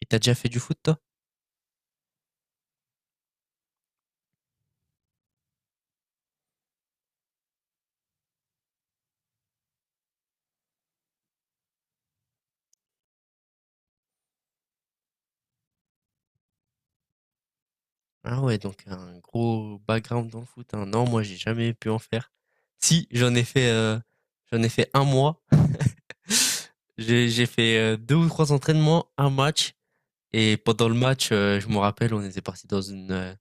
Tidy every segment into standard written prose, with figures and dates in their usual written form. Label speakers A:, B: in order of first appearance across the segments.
A: Et t'as déjà fait du foot toi? Ah ouais, donc un gros background dans le foot, hein. Non, moi j'ai jamais pu en faire. Si, j'en ai fait un mois. J'ai fait, 2 ou 3 entraînements, un match et pendant le match, je me rappelle, on était parti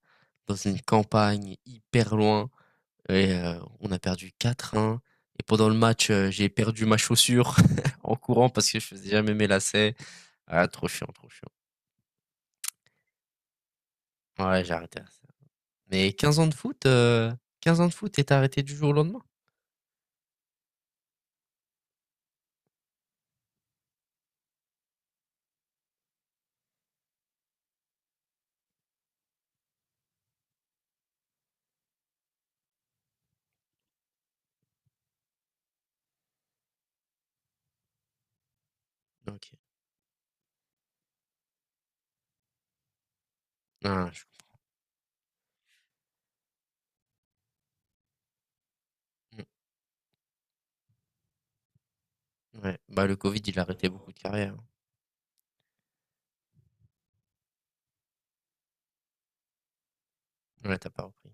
A: dans une campagne hyper loin et on a perdu quatre 1 et pendant le match, j'ai perdu ma chaussure en courant parce que je faisais jamais mes lacets. Ah trop chiant, trop chiant. Ouais, j'ai arrêté. Mais 15 ans de foot, 15 ans de foot et tu arrêté du jour au lendemain? OK. Ah, mmh, ouais, bah, le Covid, il a arrêté beaucoup de carrières, hein. Ouais, t'as pas repris.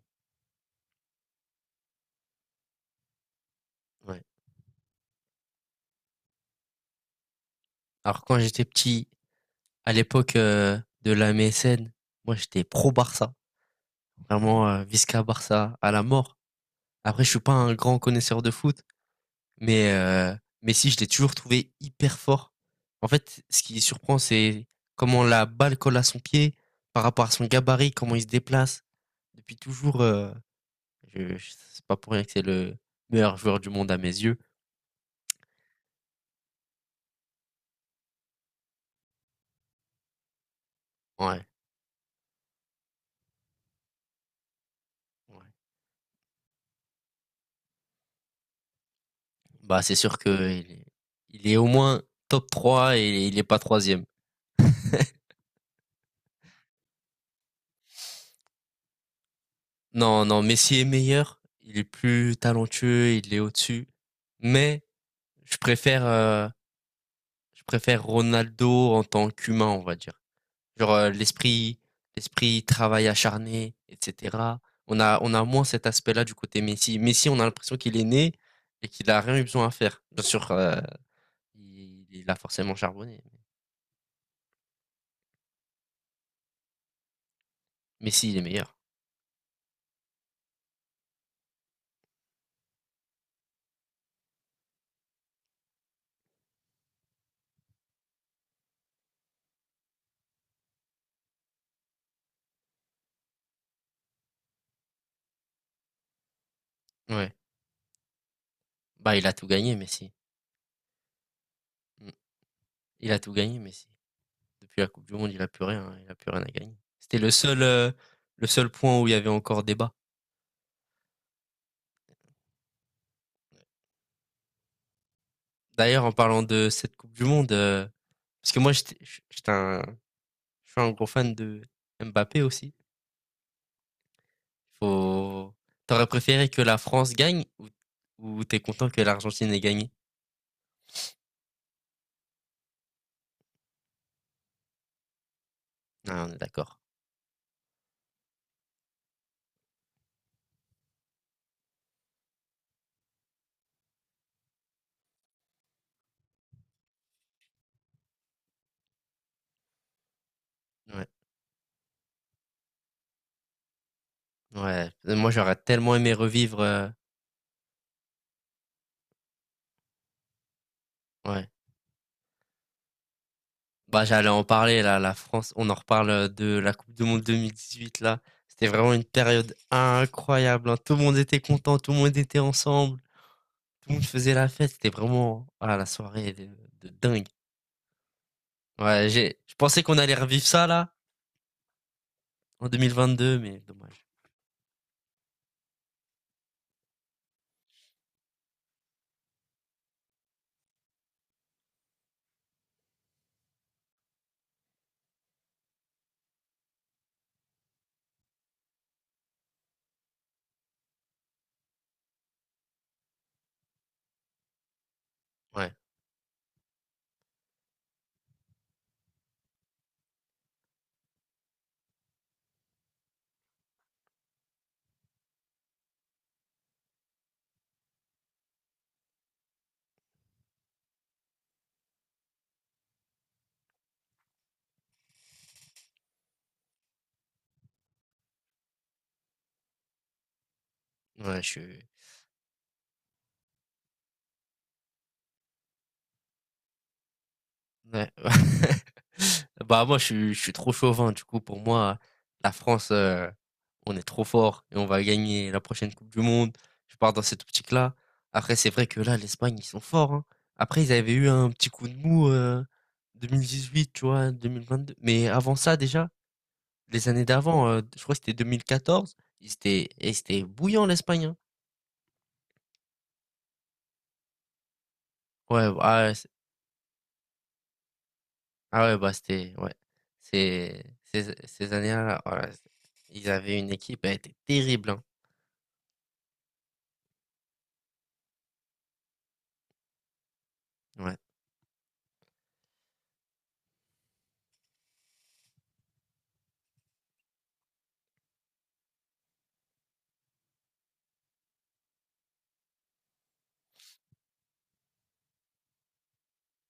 A: Ouais. Alors quand j'étais petit, à l'époque, de la MSN, moi, j'étais pro Barça. Vraiment, Visca Barça à la mort. Après, je suis pas un grand connaisseur de foot, mais euh, mais si, je l'ai toujours trouvé hyper fort. En fait, ce qui surprend, c'est comment la balle colle à son pied, par rapport à son gabarit, comment il se déplace. Depuis toujours, c'est pas pour rien que c'est le meilleur joueur du monde à mes yeux. Ouais, ouais. Bah, c'est sûr que il est, il est, au moins top 3 et il est pas troisième. Non, non, Messi est meilleur. Il est plus talentueux, il est au-dessus. Mais je préfère, euh, je préfère Ronaldo en tant qu'humain, on va dire. Genre l'esprit travail acharné, etc. On a moins cet aspect-là du côté Messi. Messi, on a l'impression qu'il est né et qu'il a rien eu besoin à faire. Bien sûr, Il a forcément charbonné. Messi, il est meilleur. Ouais. Bah, il a tout gagné, Messi. Mmh. Il a tout gagné, Messi. Depuis la Coupe du monde, il a plus rien, hein. Il a plus rien à gagner. Le seul point où il y avait encore débat. D'ailleurs, en parlant de cette Coupe du monde, parce que moi, j'étais j j'étais un je suis un gros fan de Mbappé aussi. Faut t'aurais préféré que la France gagne ou t'es content que l'Argentine ait gagné? Ah, on est d'accord. Ouais. Ouais. Moi, j'aurais tellement aimé revivre, ouais. Bah, j'allais en parler là, la France. On en reparle de la Coupe du Monde 2018 là. C'était vraiment une période incroyable, hein. Tout le monde était content, tout le monde était ensemble, tout le monde faisait la fête. C'était vraiment ah, la soirée de dingue. Ouais, je pensais qu'on allait revivre ça là en 2022, mais dommage. Ouais, ouais, ouais Bah, moi, je suis trop chauvin. Du coup, pour moi, la France, on est trop fort et on va gagner la prochaine coupe du monde. Je pars dans cette optique-là. Après, c'est vrai que là, l'Espagne, ils sont forts, hein. Après, ils avaient eu un petit coup de mou, 2018, tu vois? 2022. Mais avant ça, déjà, les années d'avant, je crois que c'était 2014, ils étaient bouillants, l'Espagne, hein. Ouais, ah ouais, ah ouais, bah, c'était ouais. Ces années-là, oh là, ils avaient une équipe, elle était terrible, hein. Ouais.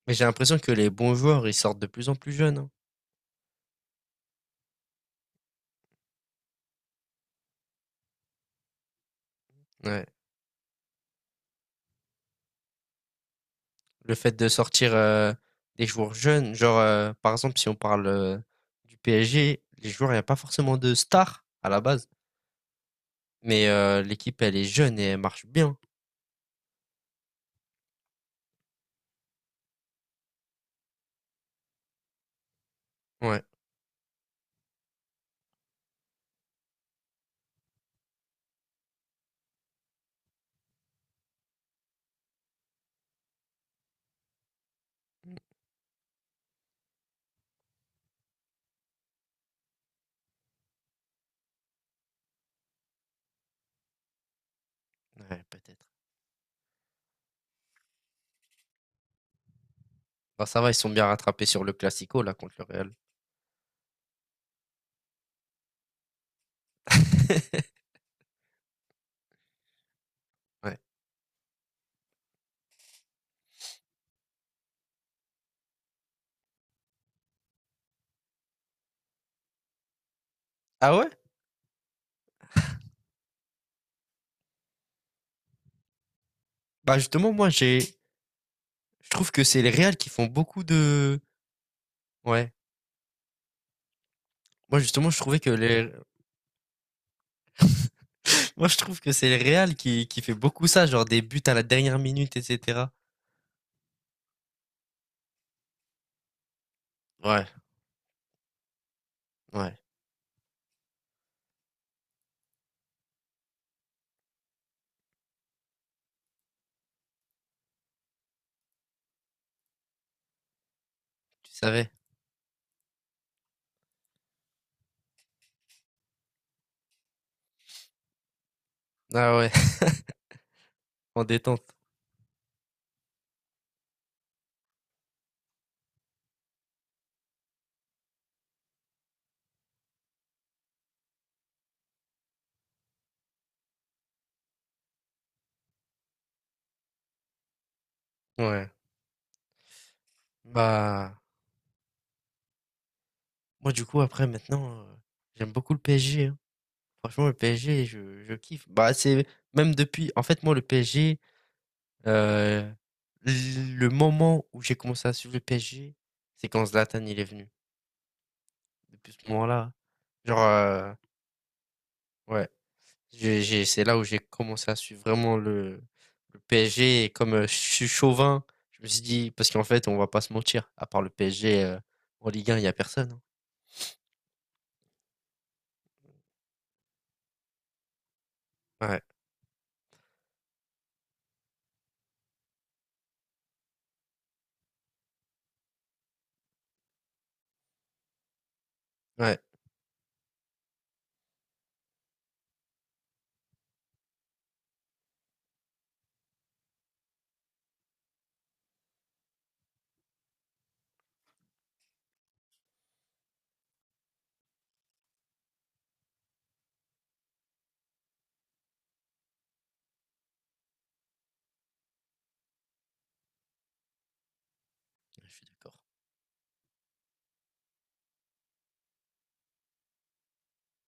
A: Mais j'ai l'impression que les bons joueurs, ils sortent de plus en plus jeunes, hein. Ouais. Le fait de sortir, des joueurs jeunes, genre, par exemple, si on parle, du PSG, les joueurs, il y a pas forcément de stars à la base, mais l'équipe, elle est jeune et elle marche bien. Ouais, ouais, peut-être. Bah, ça va, ils sont bien rattrapés sur le classico là contre le Real. Ouais. Ah ouais? Bah, justement, moi, j'ai Je trouve que c'est les Real qui font beaucoup de. Ouais. Moi, justement, je trouvais que les. Moi, je trouve que c'est le Real qui fait beaucoup ça, genre des buts à la dernière minute, etc. Ouais, ouais. Tu savais. Ah ouais, en détente. Ouais. Bah, moi, du coup, après, maintenant, j'aime beaucoup le PSG, hein. Franchement, le PSG, je kiffe. Bah, c'est même depuis. En fait, moi, le PSG, euh, le moment où j'ai commencé à suivre le PSG, c'est quand Zlatan il est venu. Depuis ce moment-là. Genre, ouais. C'est là où j'ai commencé à suivre vraiment le PSG. Et comme je suis chauvin, je me suis dit, parce qu'en fait, on va pas se mentir, à part le PSG, en Ligue 1, il n'y a personne, hein. Ouais, ouais, je suis d'accord.